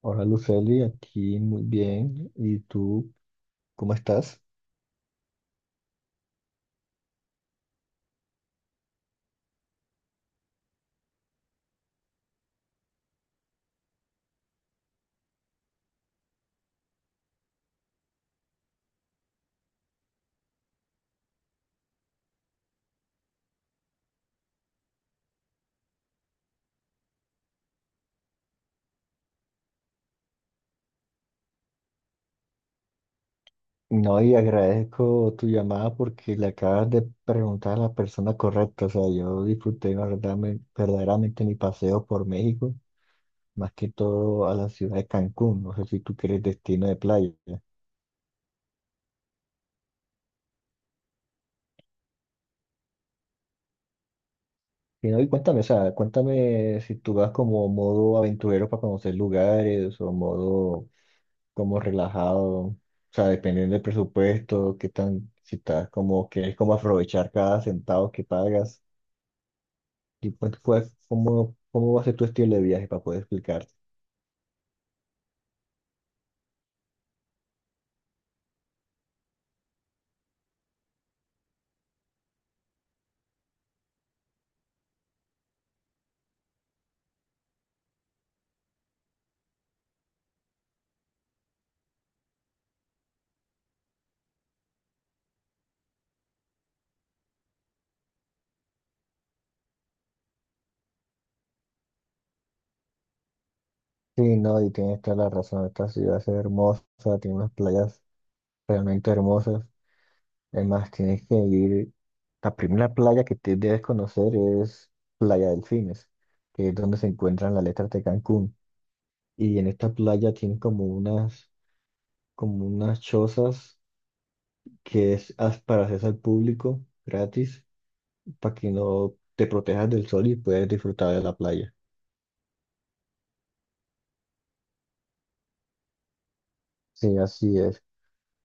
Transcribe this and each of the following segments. Hola Luceli, aquí muy bien. ¿Y tú cómo estás? No, y agradezco tu llamada porque le acabas de preguntar a la persona correcta. O sea, yo disfruté verdaderamente, verdaderamente mi paseo por México, más que todo a la ciudad de Cancún. No sé si tú quieres destino de playa. Y no, y cuéntame, o sea, cuéntame si tú vas como modo aventurero para conocer lugares o modo como relajado, o sea, dependiendo del presupuesto, qué tan, si estás como, quieres como aprovechar cada centavo que pagas, y pues, cómo, cómo va a ser tu estilo de viaje para poder explicarte. Sí, no, y tienes toda la razón, esta ciudad es hermosa, tiene unas playas realmente hermosas, además tienes que ir, la primera playa que te debes conocer es Playa Delfines, que es donde se encuentran las letras de Cancún, y en esta playa tienen como unas chozas que es para acceso al público gratis, para que no te protejas del sol y puedas disfrutar de la playa. Sí, así es.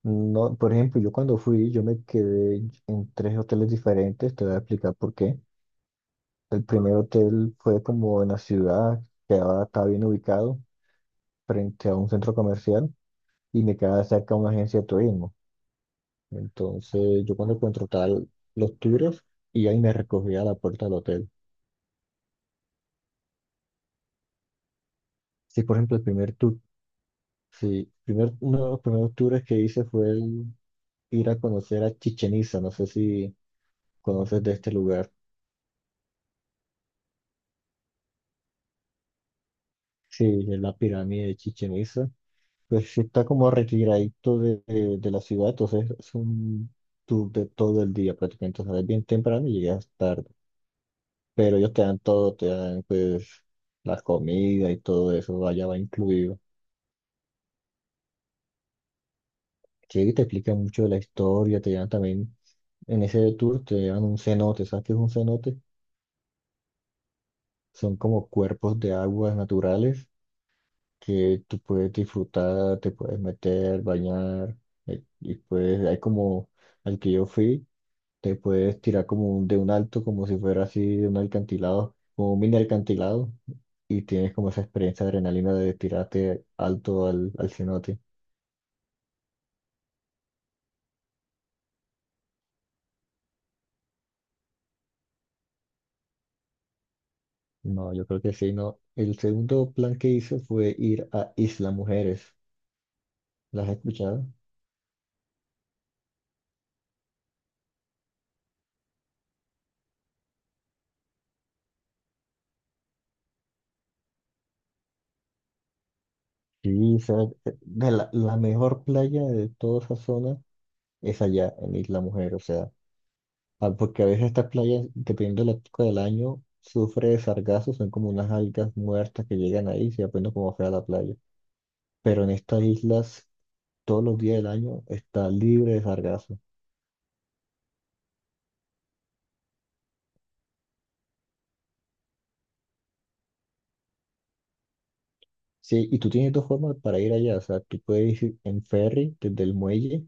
No, por ejemplo, yo cuando fui, yo me quedé en tres hoteles diferentes, te voy a explicar por qué. El primer hotel fue como en la ciudad, que ahora está bien ubicado, frente a un centro comercial, y me quedaba cerca de una agencia de turismo. Entonces, yo cuando contrataba los tours, y ahí me recogía a la puerta del hotel. Sí, por ejemplo, el primer tour. Sí, primer, uno de los primeros tours que hice fue el ir a conocer a Chichen Itza. No sé si conoces de este lugar. Sí, es la pirámide de Chichen Itza. Pues sí está como retiradito de la ciudad, entonces es un tour de todo el día prácticamente. O sea, es bien temprano y llegas tarde. Pero ellos te dan todo, te dan pues la comida y todo eso, allá va incluido. Sí, te explican mucho de la historia, te dan también, en ese tour te dan un cenote, ¿sabes qué es un cenote? Son como cuerpos de aguas naturales que tú puedes disfrutar, te puedes meter, bañar, y puedes, hay como al que yo fui, te puedes tirar como de un alto, como si fuera así de un alcantilado, como un mini alcantilado, y tienes como esa experiencia de adrenalina de tirarte alto al, al cenote. No, yo creo que sí, no. El segundo plan que hice fue ir a Isla Mujeres. ¿Las has escuchado? Sí, esa es de la mejor playa de toda esa zona es allá en Isla Mujer, o sea, ah, porque a veces estas playas, dependiendo de la época del año, sufre de sargazo, son como unas algas muertas que llegan ahí y se apenas como fea la playa. Pero en estas islas, todos los días del año está libre de sargazo. Sí, y tú tienes dos formas para ir allá, o sea, tú puedes ir en ferry desde el muelle,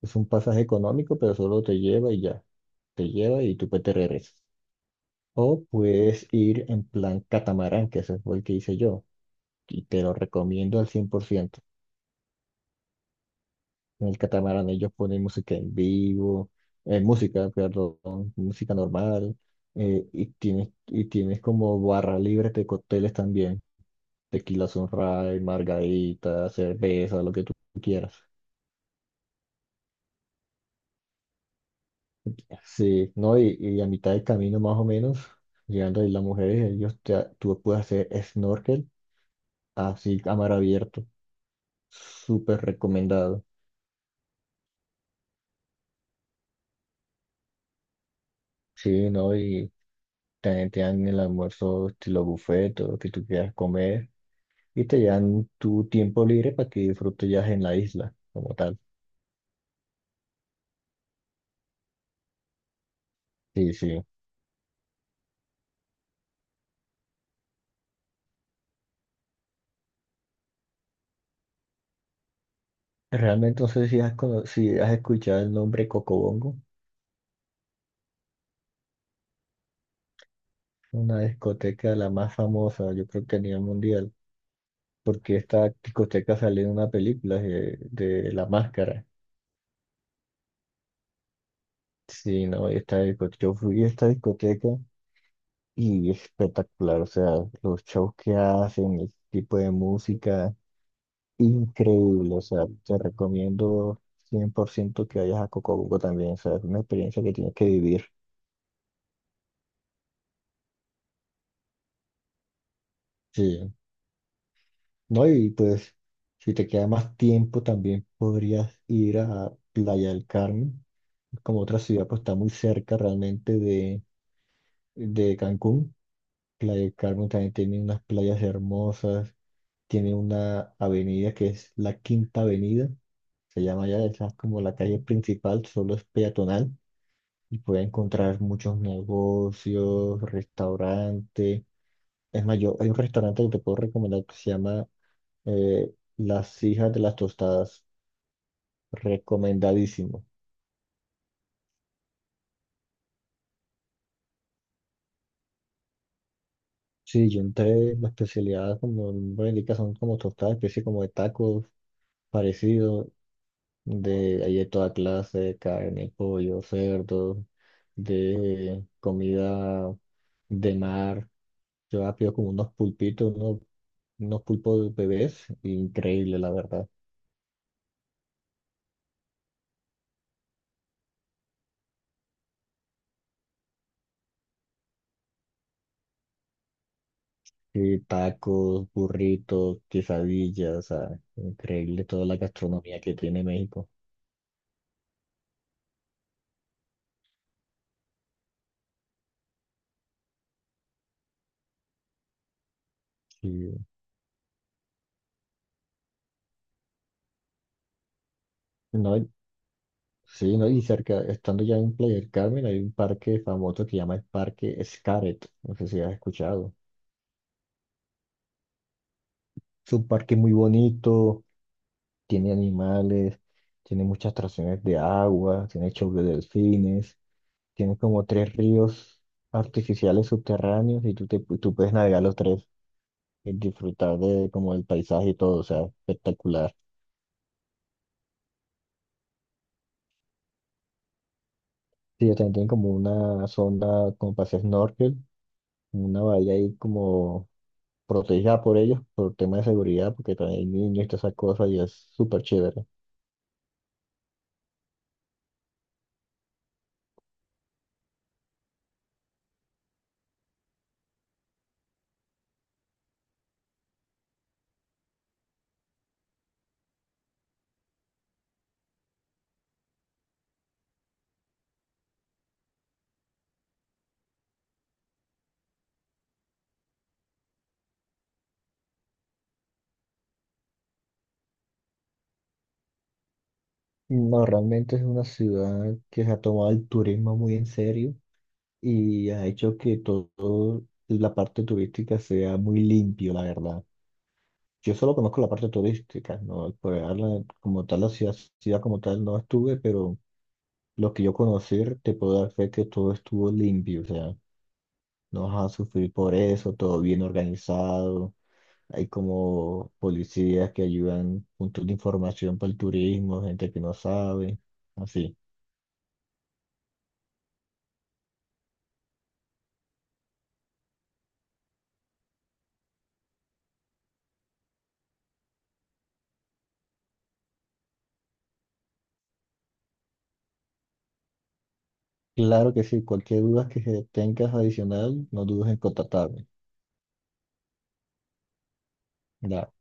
es un pasaje económico, pero solo te lleva y ya, te lleva y tú pues te regresas. O puedes ir en plan catamarán, que ese fue el que hice yo, y te lo recomiendo al 100%. En el catamarán ellos ponen música en vivo, música, perdón, música normal, y tienes como barra libre de cócteles también, tequila sunrise, margarita, cerveza, lo que tú quieras. Sí, ¿no? Y a mitad del camino más o menos, llegando ahí las mujeres, ellos te, tú puedes hacer snorkel así a mar abierto, súper recomendado. Sí, ¿no? Y también te dan el almuerzo estilo buffet, todo lo que tú quieras comer. Y te dan tu tiempo libre para que disfrutes ya en la isla, como tal. Sí, sí. Realmente no sé si has, si has escuchado el nombre Cocobongo, una discoteca la más famosa, yo creo que a nivel mundial, porque esta discoteca salió en una película de La Máscara. Sí, no, esta discoteca, yo fui a esta discoteca y es espectacular, o sea, los shows que hacen, el tipo de música. Increíble, o sea, te recomiendo 100% que vayas a Cocobuco también, o sea, es una experiencia que tienes que vivir. Sí. No, y pues, si te queda más tiempo, también podrías ir a Playa del Carmen, como otra ciudad, pues está muy cerca realmente de Cancún. Playa del Carmen también tiene unas playas hermosas, tiene una avenida que es la Quinta Avenida, se llama ya, esa es como la calle principal, solo es peatonal y puede encontrar muchos negocios, restaurantes. Es más, yo, hay un restaurante que te puedo recomendar que se llama eh, Las Hijas de las Tostadas. Recomendadísimo. Sí, yo entré, la especialidad, como el nombre indica, son como tostadas, especie como de tacos parecidos, de, hay de toda clase, carne, pollo, cerdo, de comida de mar. Yo pido como unos pulpitos, unos, unos pulpos de bebés, increíble, la verdad. Sí, tacos, burritos, quesadillas, o sea, increíble toda la gastronomía que tiene México. Sí, no, y- sí, no, y cerca, estando ya en Playa del Carmen, hay un parque famoso que se llama el Parque Xcaret, no sé si has escuchado. Es un parque muy bonito, tiene animales, tiene muchas atracciones de agua, tiene shows de delfines, tiene como tres ríos artificiales subterráneos y tú, te, tú puedes navegar los tres y disfrutar de como el paisaje y todo, o sea, espectacular. Sí, también tienen como una zona como para hacer snorkel, una bahía ahí como protegida por ellos por tema de seguridad, porque también hay niños y todas esas cosas y es súper chévere. No, realmente es una ciudad que se ha tomado el turismo muy en serio y ha hecho que todo la parte turística sea muy limpio, la verdad. Yo solo conozco la parte turística, ¿no? Por hablar como tal, la ciudad, ciudad como tal no estuve, pero lo que yo conocí te puedo dar fe que todo estuvo limpio, o sea, no vas a sufrir por eso, todo bien organizado. Hay como policías que ayudan, puntos de información para el turismo, gente que no sabe, así. Claro que sí, cualquier duda que se tengas adicional, no dudes en contactarme. Dale.